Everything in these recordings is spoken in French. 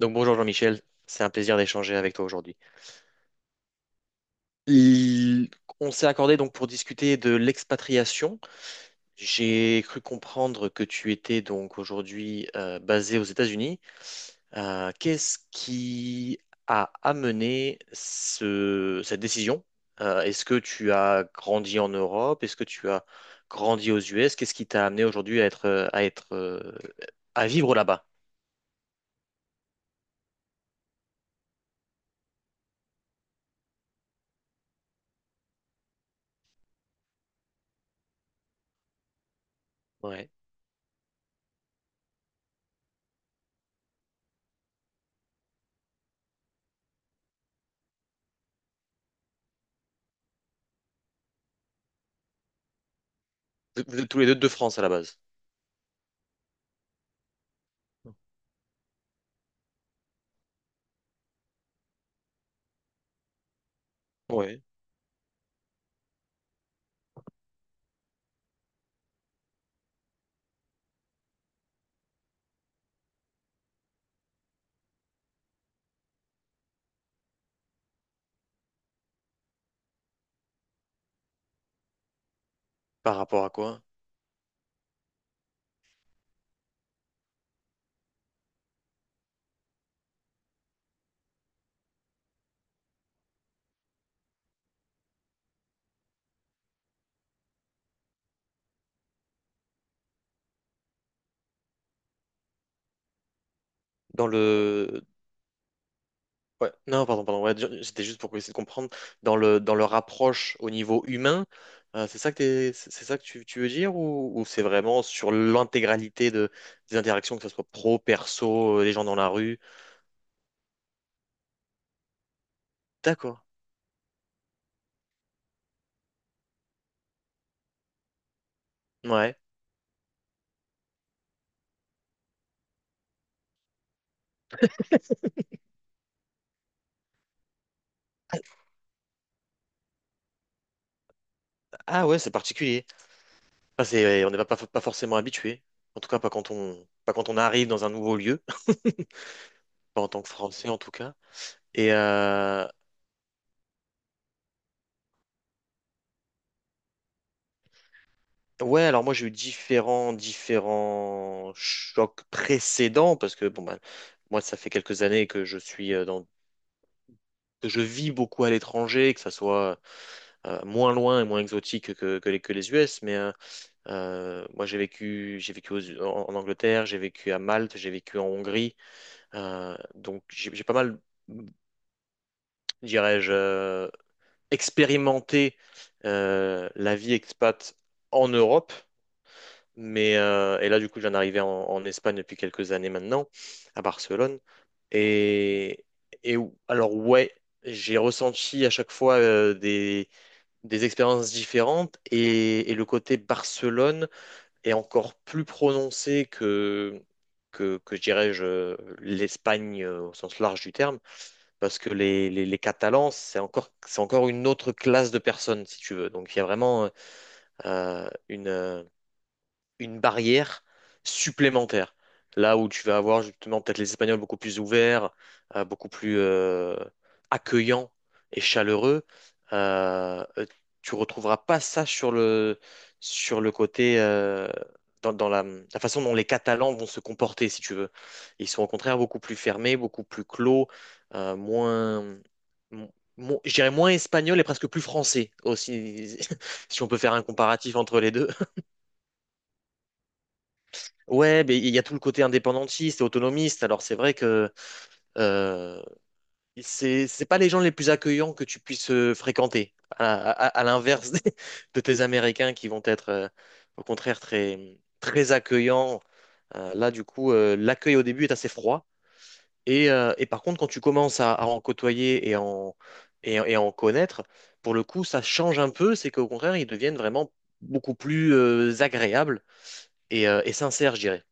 Donc bonjour Jean-Michel, c'est un plaisir d'échanger avec toi aujourd'hui. Il- On s'est accordé donc pour discuter de l'expatriation. J'ai cru comprendre que tu étais donc aujourd'hui basé aux États-Unis. Qu'est-ce qui a amené cette décision? Est-ce que tu as grandi en Europe? Est-ce que tu as grandi aux US? Qu'est-ce qui t'a amené aujourd'hui à être à vivre là-bas? Ouais. Vous vous êtes tous les deux de France à la base. Ouais. Par rapport à quoi? Dans le Ouais, non pardon pardon ouais, c'était juste pour essayer de comprendre dans leur approche au niveau humain, c'est ça que c'est ça que tu veux dire, ou c'est vraiment sur l'intégralité de des interactions, que ce soit pro, perso, les gens dans la rue. D'accord. Ouais. Ah, ah ouais, c'est particulier. Enfin, c'est ouais, on n'est pas forcément habitué, en tout cas pas quand on arrive dans un nouveau lieu, pas en tant que Français en tout cas. et euh, Ouais, alors moi j'ai eu différents chocs précédents parce que bon, bah, moi ça fait quelques années que je suis que je vis beaucoup à l'étranger, que ça soit moins loin et moins exotique que, que les US, mais moi j'ai vécu, en Angleterre, j'ai vécu à Malte, j'ai vécu en Hongrie, donc j'ai pas mal, dirais-je, expérimenté la vie expat en Europe. Et là, du coup, j'en arrivais en Espagne depuis quelques années maintenant, à Barcelone. Et, alors, ouais, j'ai ressenti à chaque fois des expériences différentes, et le côté Barcelone est encore plus prononcé que, que je dirais-je, l'Espagne au sens large du terme, parce que les Catalans, c'est encore une autre classe de personnes, si tu veux. Donc, il y a vraiment euh, une. euh, une barrière supplémentaire. Là où tu vas avoir justement peut-être les Espagnols beaucoup plus ouverts, beaucoup plus accueillants et chaleureux, euh, euh, tu retrouveras pas ça sur le, côté, dans la façon dont les Catalans vont se comporter, si tu veux. Ils sont au contraire beaucoup plus fermés, beaucoup plus clos, moins, mo- je dirais moins espagnols et presque plus français aussi, si on peut faire un comparatif entre les deux. Ouais, mais il y a tout le côté indépendantiste et autonomiste. Alors c'est vrai que euh, c'est pas les gens les plus accueillants que tu puisses fréquenter. À l'inverse de tes Américains qui vont être au contraire très très accueillants. Là du coup, l'accueil au début est assez froid. Et par contre, quand tu commences à en côtoyer et à en connaître, pour le coup, ça change un peu. C'est qu'au contraire, ils deviennent vraiment beaucoup plus agréables et sincères, je dirais.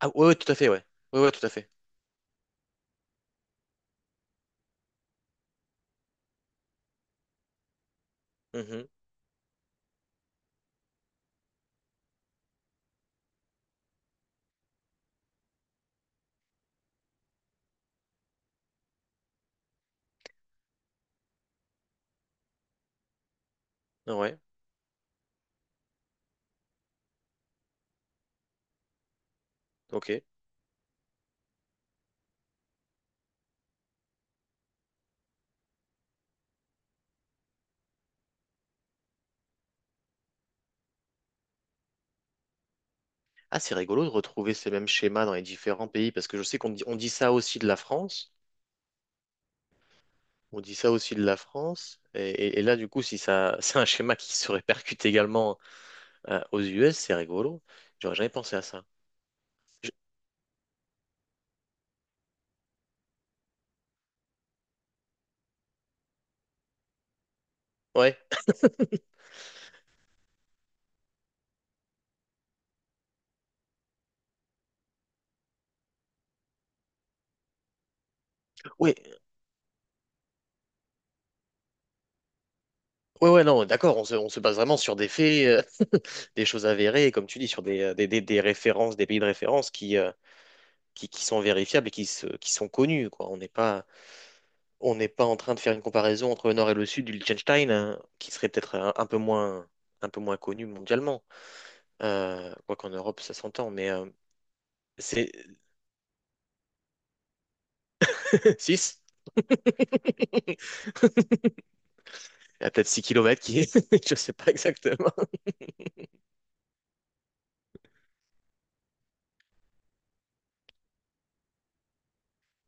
Ah ouais, ouais, tout à fait, ouais. Ouais, ouais, tout à fait. Mhm. Ouais, ok. Ah, c'est rigolo de retrouver ces mêmes schémas dans les différents pays, parce que je sais qu'on dit ça aussi de la France. On dit ça aussi de la France. Et là, du coup, si ça, c'est un schéma qui se répercute également aux US, c'est rigolo. J'aurais jamais pensé à ça. Je- Ouais, ouais, ouais, ouais, non, d'accord, on se base vraiment sur des faits, euh, des choses avérées, et comme tu dis, sur des références, des pays de référence qui sont vérifiables et qui sont connus, quoi. On n'est pas en train de faire une comparaison entre le nord et le sud du Liechtenstein, hein, qui serait peut-être un peu moins connu mondialement. Quoi qu'en Europe, ça s'entend, mais c'est six. Il y a peut-être 6 kilomètres, qui est... Je sais pas exactement.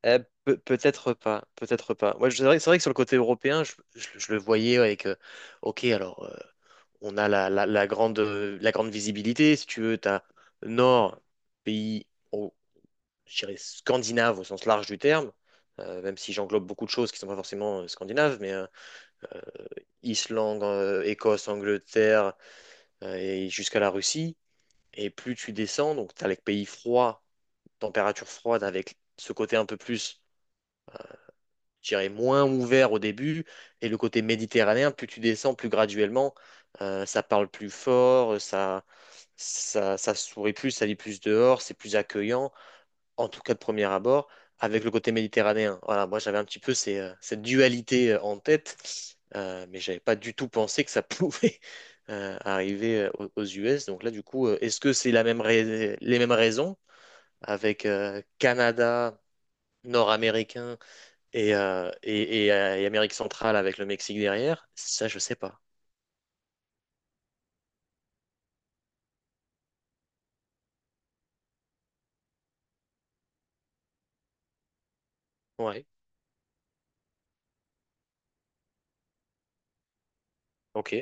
Euh, peut-être pas, peut-être pas. Moi, c'est vrai que sur le côté européen, je le voyais avec... ok, alors, on a la grande visibilité, si tu veux, t'as nord, pays... je dirais, scandinaves au sens large du terme, même si j'englobe beaucoup de choses qui ne sont pas forcément scandinaves, mais Islande, Écosse, Angleterre, et jusqu'à la Russie. Et plus tu descends, donc tu as les pays froids, température froide, avec ce côté un peu plus, je dirais, moins ouvert au début, et le côté méditerranéen, plus tu descends, plus graduellement, ça parle plus fort, ça sourit plus, ça lit plus dehors, c'est plus accueillant, en tout cas de premier abord, avec le côté méditerranéen. Voilà, moi j'avais un petit peu cette dualité en tête, mais j'avais pas du tout pensé que ça pouvait arriver aux US. Donc là, du coup, est-ce que c'est les mêmes raisons avec Canada, Nord-Américain et Amérique centrale avec le Mexique derrière? Ça, je sais pas. Ouais, ok,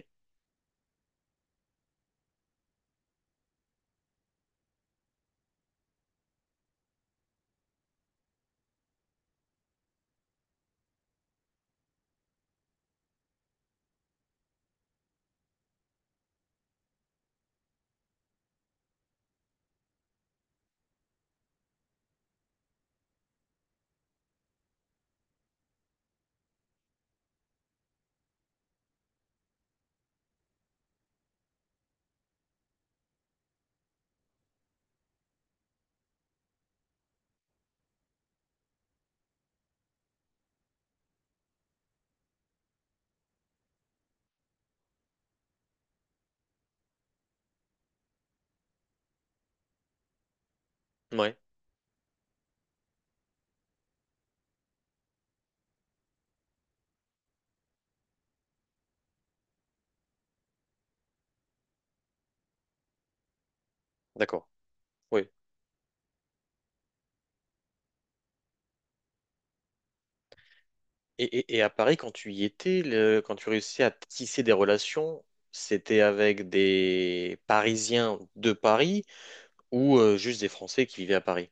ouais, d'accord. Oui. Et à Paris, quand tu y étais, quand tu réussissais à tisser des relations, c'était avec des Parisiens de Paris ou juste des Français qui vivaient à Paris?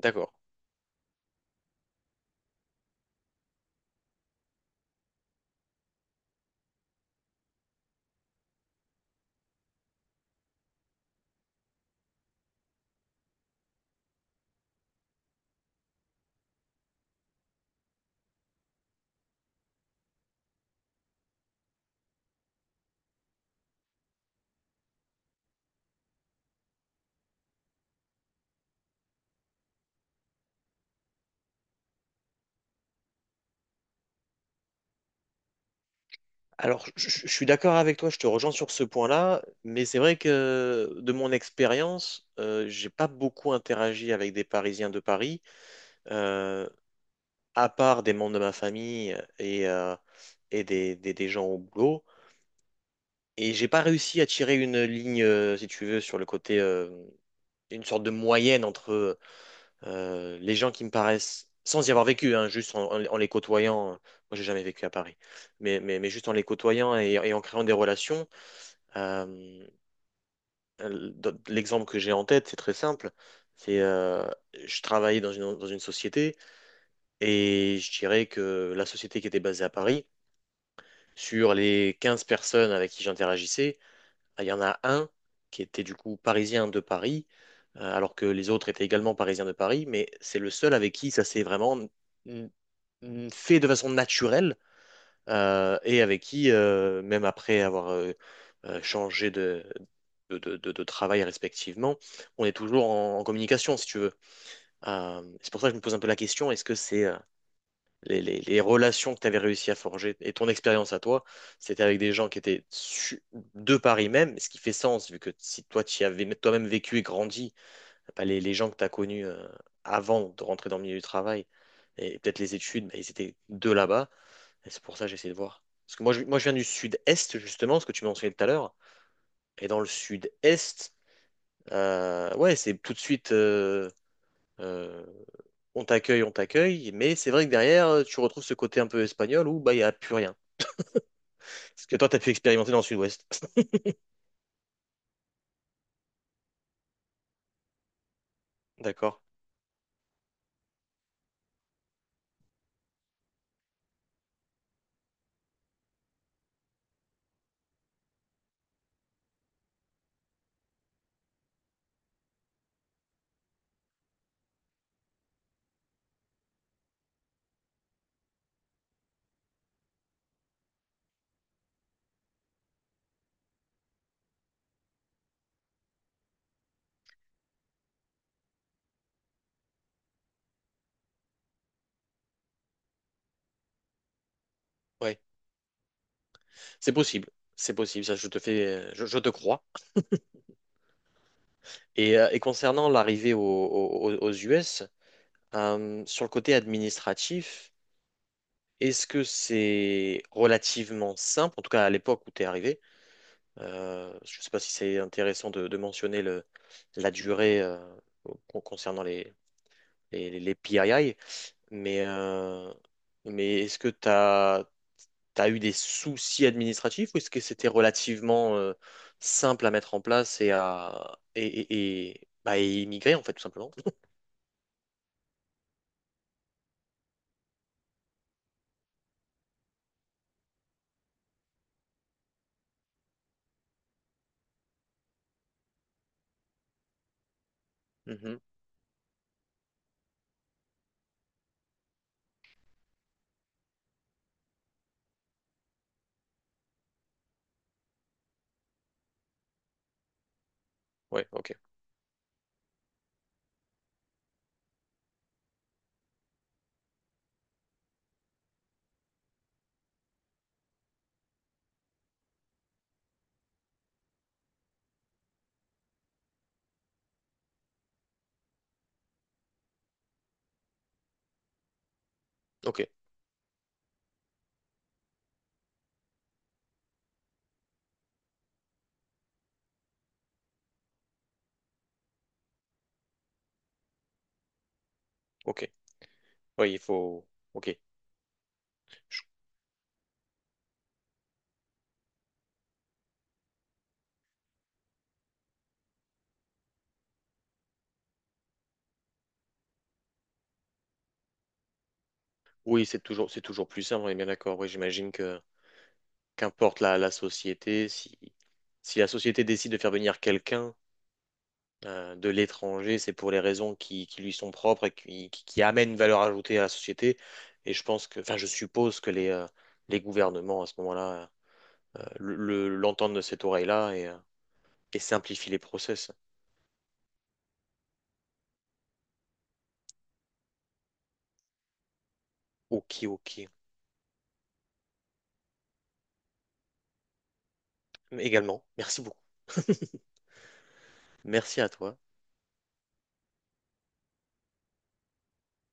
D'accord. Alors, je suis d'accord avec toi, je te rejoins sur ce point-là, mais c'est vrai que de mon expérience, j'ai pas beaucoup interagi avec des Parisiens de Paris, euh, à part des membres de ma famille et des gens au boulot. Et j'ai pas réussi à tirer une ligne, si tu veux, sur le côté, une sorte de moyenne entre les gens qui me paraissent, sans y avoir vécu, hein, juste en les côtoyant, moi j'ai jamais vécu à Paris, mais juste en les côtoyant et en créant des relations, euh, l'exemple que j'ai en tête, c'est très simple, c'est je travaillais dans une société et je dirais que la société qui était basée à Paris, sur les 15 personnes avec qui j'interagissais, ah, il y en a un qui était du coup parisien de Paris, alors que les autres étaient également parisiens de Paris, mais c'est le seul avec qui ça s'est vraiment fait de façon naturelle, et avec qui, même après avoir changé de travail respectivement, on est toujours en communication, si tu veux. C'est pour ça que je me pose un peu la question, est-ce que c'est les relations que tu avais réussi à forger et ton expérience à toi, c'était avec des gens qui étaient de Paris même, ce qui fait sens, vu que si toi, tu y avais toi-même vécu et grandi, bah, les gens que tu as connus avant de rentrer dans le milieu du travail et peut-être les études, bah, ils étaient de là-bas. Et c'est pour ça que j'essaie de voir. Parce que moi, je viens du sud-est, justement, ce que tu mentionnais tout à l'heure. Et dans le sud-est, ouais, c'est tout de suite... euh, on t'accueille, mais c'est vrai que derrière, tu retrouves ce côté un peu espagnol où bah il n'y a plus rien. Ce que toi, t'as pu expérimenter dans le sud-ouest. D'accord. Ouais. C'est possible. C'est possible. Ça, je te fais, je te crois. Et concernant l'arrivée aux US, sur le côté administratif, est-ce que c'est relativement simple, en tout cas à l'époque où tu es arrivé? Je ne sais pas si c'est intéressant de mentionner la durée concernant les, les PII, Mais, euh, mais est-ce que tu as eu des soucis administratifs ou est-ce que c'était relativement simple à mettre en place et à immigrer en fait tout simplement? Mhm. Ouais, ok, ok, ok. Oui, il faut. Ok. Je- Oui, c'est toujours plus simple. On est bien d'accord. Oui, j'imagine que qu'importe la société, si la société décide de faire venir quelqu'un, de l'étranger, c'est pour les raisons qui lui sont propres et qui amènent une valeur ajoutée à la société. Et je pense que, enfin, je suppose que les gouvernements, à ce moment-là, l'entendent de cette oreille-là et simplifient les process. Ok, ok. Également, merci beaucoup. Merci à toi.